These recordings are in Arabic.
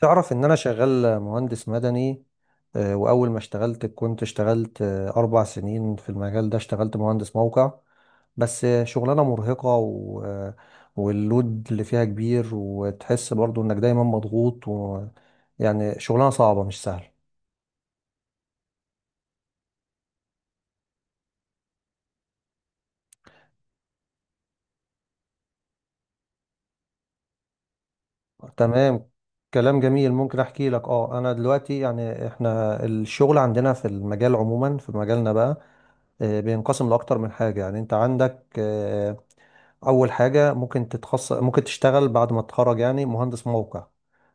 تعرف ان انا شغال مهندس مدني. واول ما اشتغلت كنت اشتغلت اربع سنين في المجال ده اشتغلت مهندس موقع. بس شغلانة مرهقة و... آه، واللود اللي فيها كبير، وتحس برضو انك دايما مضغوط. يعني شغلانة صعبة مش سهلة. تمام، كلام جميل، ممكن احكي لك. اه انا دلوقتي يعني احنا الشغل عندنا في المجال عموما، في مجالنا بقى بينقسم لاكتر من حاجة. يعني انت عندك اول حاجه ممكن تتخصص، ممكن تشتغل بعد ما تتخرج يعني مهندس موقع.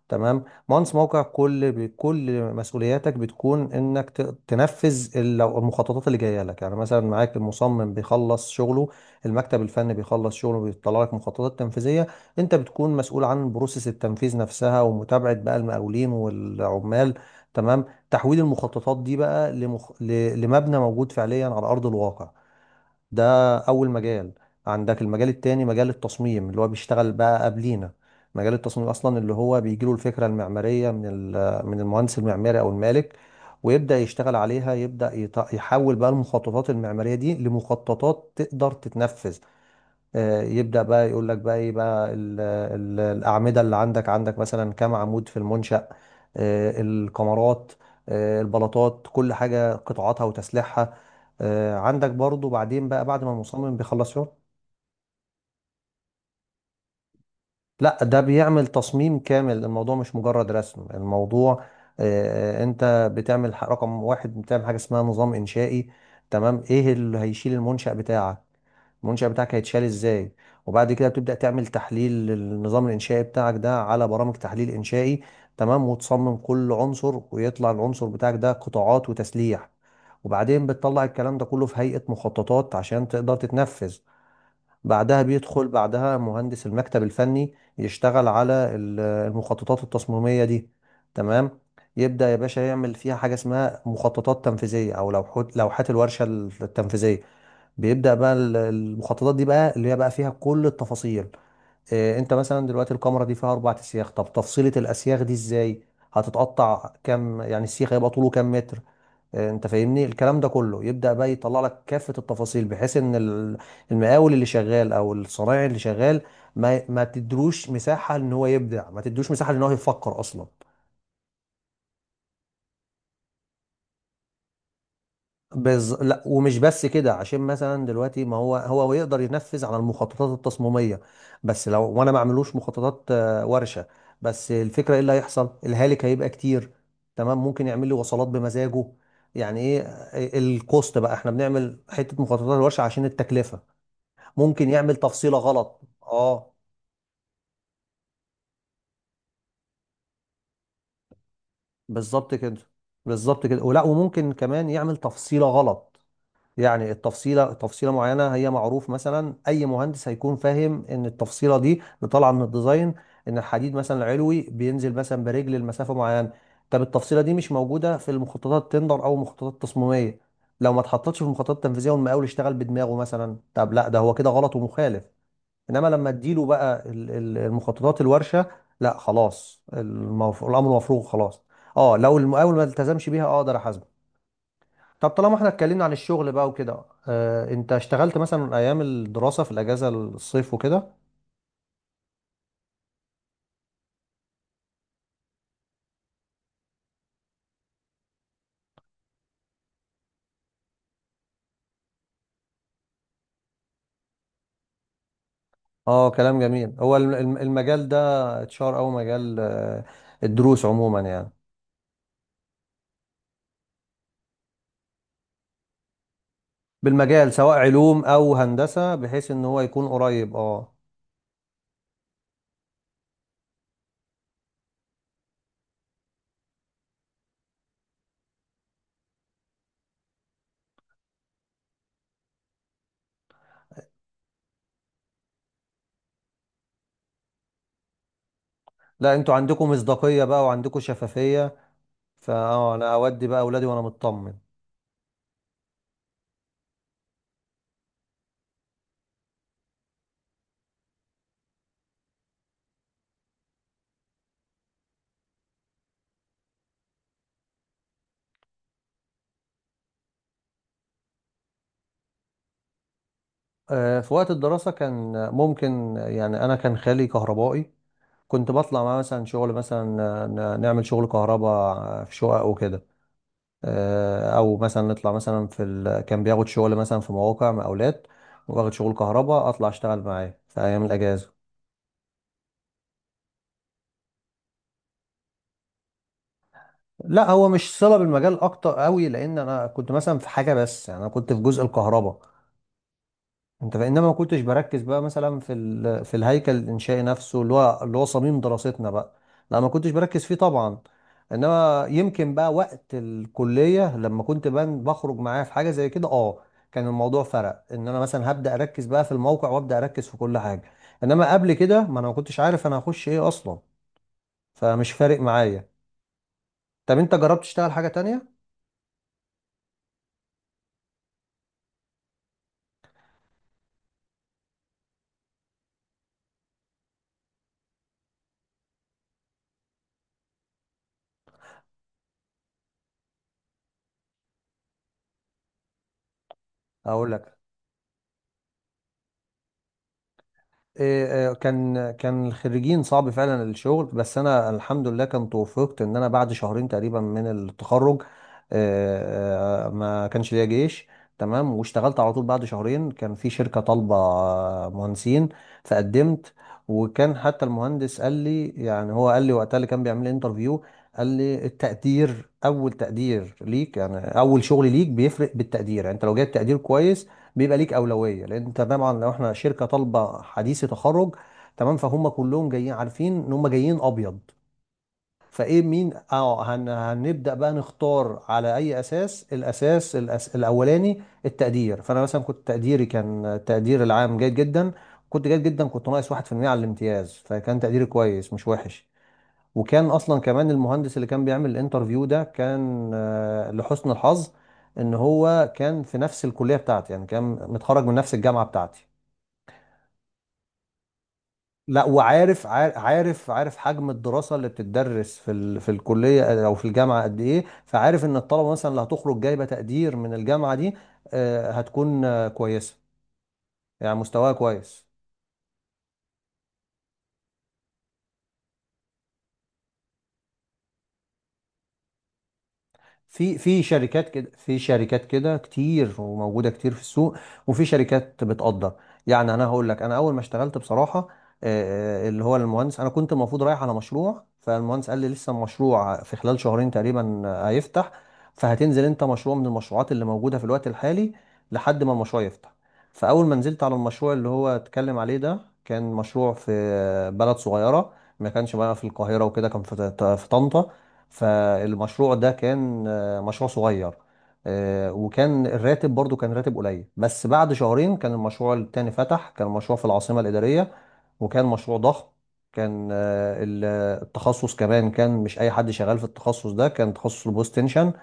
تمام، مهندس موقع كل مسؤولياتك بتكون انك تنفذ لو المخططات اللي جايه لك. يعني مثلا معاك المصمم بيخلص شغله، المكتب الفني بيخلص شغله بيطلع لك مخططات تنفيذيه. انت بتكون مسؤول عن بروسيس التنفيذ نفسها، ومتابعه بقى المقاولين والعمال. تمام، تحويل المخططات دي بقى لمبنى موجود فعليا على ارض الواقع. ده اول مجال. عندك المجال التاني، مجال التصميم اللي هو بيشتغل بقى قبلينا. مجال التصميم اصلا اللي هو بيجيله الفكره المعماريه من المهندس المعماري او المالك، ويبدا يشتغل عليها، يبدا يحول بقى المخططات المعماريه دي لمخططات تقدر تتنفذ. يبدأ بقى يقول لك بقى ايه بقى الأعمدة اللي عندك، عندك مثلا كام عمود في المنشأ، الكمرات، البلاطات، كل حاجة قطاعاتها وتسليحها. عندك برضو بعدين بقى بعد ما المصمم بيخلص يوم. لا، ده بيعمل تصميم كامل، الموضوع مش مجرد رسم الموضوع. انت بتعمل رقم واحد بتعمل حاجة اسمها نظام إنشائي. تمام، ايه اللي هيشيل المنشأ بتاعك، المنشأ بتاعك هيتشال ازاي. وبعد كده بتبدأ تعمل تحليل للنظام الإنشائي بتاعك ده على برامج تحليل إنشائي. تمام، وتصمم كل عنصر، ويطلع العنصر بتاعك ده قطاعات وتسليح. وبعدين بتطلع الكلام ده كله في هيئة مخططات عشان تقدر تتنفذ. بعدها بيدخل بعدها مهندس المكتب الفني يشتغل على المخططات التصميمية دي. تمام، يبدأ يا باشا يعمل فيها حاجة اسمها مخططات تنفيذية، أو لوحات الورشة التنفيذية. بيبدأ بقى المخططات دي بقى اللي هي بقى فيها كل التفاصيل. إيه، انت مثلا دلوقتي الكاميرا دي فيها اربع اسياخ، طب تفصيلة الاسياخ دي ازاي، هتتقطع كام، يعني السيخ هيبقى طوله كام متر. إيه، انت فاهمني، الكلام ده كله يبدأ بقى يطلع لك كافة التفاصيل بحيث ان المقاول اللي شغال او الصنايعي اللي شغال ما تدروش مساحة ان هو يبدع، ما تدروش مساحة ان هو يفكر اصلا. لا، ومش بس كده، عشان مثلا دلوقتي ما هو هو يقدر ينفذ على المخططات التصميميه، بس لو وانا ما اعملوش مخططات ورشه، بس الفكره ايه اللي هيحصل، الهالك هيبقى كتير. تمام، ممكن يعمل لي وصلات بمزاجه، يعني ايه الكوست بقى، احنا بنعمل حته مخططات الورشه عشان التكلفه. ممكن يعمل تفصيله غلط. اه، بالظبط كده، بالظبط كده، ولا وممكن كمان يعمل تفصيله غلط. يعني التفصيله، تفصيله معينه هي معروف مثلا اي مهندس هيكون فاهم ان التفصيله دي اللي طالعه من الديزاين، ان الحديد مثلا العلوي بينزل مثلا برجل لمسافه معينه. طب التفصيله دي مش موجوده في المخططات التندر او المخططات التصميميه، لو ما اتحطتش في المخططات التنفيذيه والمقاول اشتغل بدماغه مثلا، طب لا، ده هو كده غلط ومخالف. انما لما اديله بقى المخططات الورشه، لا خلاص، الامر مفروغ خلاص. اه لو المقاول ما التزمش بيها اقدر احاسبه. طب طالما احنا اتكلمنا عن الشغل بقى وكده، اه انت اشتغلت مثلا ايام الدراسة في الاجازة الصيف وكده. اه كلام جميل، هو المجال ده اتشهر او مجال اه الدروس عموما يعني، بالمجال سواء علوم او هندسة بحيث ان هو يكون قريب اه. لا، انتوا عندكم مصداقية بقى، وعندكم شفافية، فاه انا اودي بقى اولادي وانا مطمن. اه في وقت الدراسة كان ممكن، يعني انا كان خالي كهربائي، كنت بطلع معاه مثلا شغل مثلا، نعمل شغل كهرباء في شقق وكده. او مثلا نطلع مثلا كان بياخد شغل مثلا في مواقع مقاولات، واخد شغل كهرباء، اطلع اشتغل معاه في ايام الاجازه. لا هو مش صله بالمجال اكتر قوي، لان انا كنت مثلا في حاجه، بس يعني انا كنت في جزء الكهرباء انت فانما ما كنتش بركز بقى مثلا في الهيكل الانشائي نفسه اللي هو صميم دراستنا بقى. لا ما كنتش بركز فيه طبعا. انما يمكن بقى وقت الكليه لما كنت بان بخرج معاه في حاجه زي كده، اه كان الموضوع فرق ان انا مثلا هبدا اركز بقى في الموقع وابدا اركز في كل حاجه. انما قبل كده ما انا ما كنتش عارف انا هخش ايه اصلا، فمش فارق معايا. طب انت جربت تشتغل حاجه تانية؟ اقول لك إيه، كان الخريجين صعب فعلا الشغل، بس انا الحمد لله كان توفقت ان انا بعد شهرين تقريبا من التخرج، ما كانش ليا جيش. تمام، واشتغلت على طول، بعد شهرين كان في شركة طالبة مهندسين، فقدمت. وكان حتى المهندس قال لي، يعني هو قال لي وقتها اللي كان بيعمل لي انترفيو، قال لي التقدير، اول تقدير ليك يعني اول شغل ليك بيفرق بالتقدير. يعني انت لو جايب تقدير كويس بيبقى ليك اولويه، لان انت طبعا لو احنا شركه طالبه حديثي تخرج، تمام، فهم كلهم جايين عارفين ان هم جايين ابيض. فايه مين اه هنبدا بقى نختار على اي اساس، الاساس الاولاني التقدير. فانا مثلا كنت تقديري، كان التقدير العام جيد جدا، كنت جيد جدا، كنت ناقص 1% على الامتياز، فكان تقديري كويس مش وحش. وكان اصلا كمان المهندس اللي كان بيعمل الانترفيو ده كان لحسن الحظ ان هو كان في نفس الكليه بتاعتي، يعني كان متخرج من نفس الجامعه بتاعتي. لا، عارف، عارف حجم الدراسه اللي بتدرس في الكليه او في الجامعه قد ايه، فعارف ان الطلبه مثلا اللي هتخرج جايبه تقدير من الجامعه دي هتكون كويسه، يعني مستواها كويس. في شركات كده، في شركات كده كتير وموجوده كتير في السوق، وفي شركات بتقدر. يعني انا هقول لك، انا اول ما اشتغلت بصراحه، اللي هو المهندس، انا كنت المفروض رايح على مشروع، فالمهندس قال لي لسه المشروع في خلال شهرين تقريبا هيفتح، فهتنزل انت مشروع من المشروعات اللي موجوده في الوقت الحالي لحد ما المشروع يفتح. فاول ما نزلت على المشروع اللي هو اتكلم عليه ده، كان مشروع في بلد صغيره، ما كانش بقى في القاهره وكده، كان في في طنطا. فالمشروع ده كان مشروع صغير، وكان الراتب برضو كان راتب قليل. بس بعد شهرين كان المشروع التاني فتح، كان مشروع في العاصمة الإدارية، وكان مشروع ضخم. كان التخصص كمان كان مش أي حد شغال في التخصص ده، كان تخصص البوست تنشن.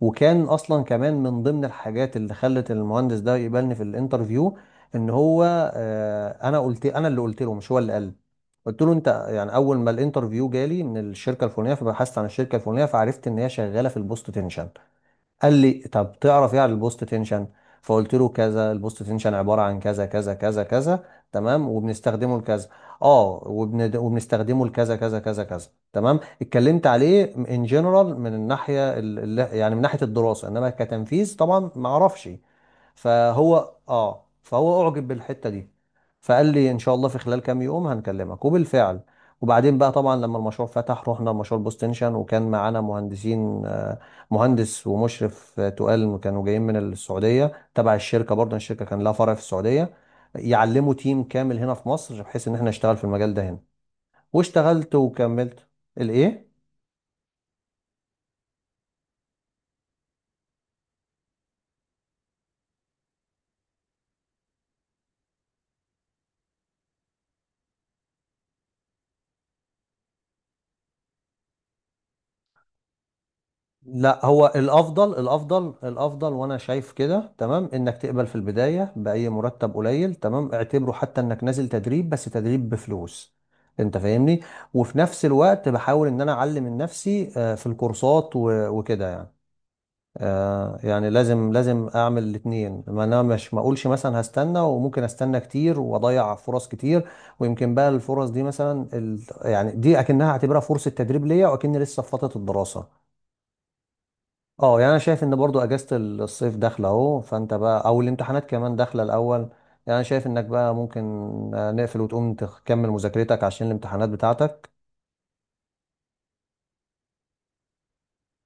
وكان أصلا كمان من ضمن الحاجات اللي خلت المهندس ده يقبلني في الانترفيو إن هو أنا قلت، أنا اللي قلت له، مش هو اللي قال. قلت له انت يعني اول ما الانترفيو جالي من الشركه الفلانيه، فبحثت عن الشركه الفلانيه فعرفت ان هي شغاله في البوست تنشن. قال لي طب تعرف ايه عن البوست تنشن؟ فقلت له كذا، البوست تنشن عباره عن كذا كذا كذا كذا، تمام، وبنستخدمه لكذا. اه وبنستخدمه لكذا كذا كذا كذا، تمام. اتكلمت عليه ان جنرال من الناحيه ال... ال- يعني من ناحيه الدراسه، انما كتنفيذ طبعا ما اعرفش. فهو اعجب بالحته دي، فقال لي ان شاء الله في خلال كام يوم هنكلمك، وبالفعل. وبعدين بقى طبعا لما المشروع فتح رحنا مشروع بوستنشن، وكان معانا مهندسين مهندس ومشرف تقال، كانوا جايين من السعودية تبع الشركة برضه، يعني الشركة كان لها فرع في السعودية، يعلموا تيم كامل هنا في مصر بحيث ان احنا نشتغل في المجال ده هنا. واشتغلت وكملت. الايه؟ لا هو الافضل، الافضل الافضل، وانا شايف كده، تمام، انك تقبل في البداية بأي مرتب قليل، تمام، اعتبره حتى انك نازل تدريب، بس تدريب بفلوس، انت فاهمني. وفي نفس الوقت بحاول ان انا اعلم من نفسي في الكورسات وكده يعني. آه يعني لازم اعمل الاثنين، ما انا مش ما اقولش مثلا هستنى، وممكن استنى كتير واضيع فرص كتير. ويمكن بقى الفرص دي مثلا يعني دي اكنها هعتبرها فرصه تدريب ليا، واكني لسه في فتره الدراسه. اه، يعني انا شايف ان برضو اجازه الصيف داخله اهو، فانت بقى او الامتحانات كمان داخله الاول يعني، انا شايف انك بقى ممكن نقفل، وتقوم تكمل مذاكرتك عشان الامتحانات بتاعتك.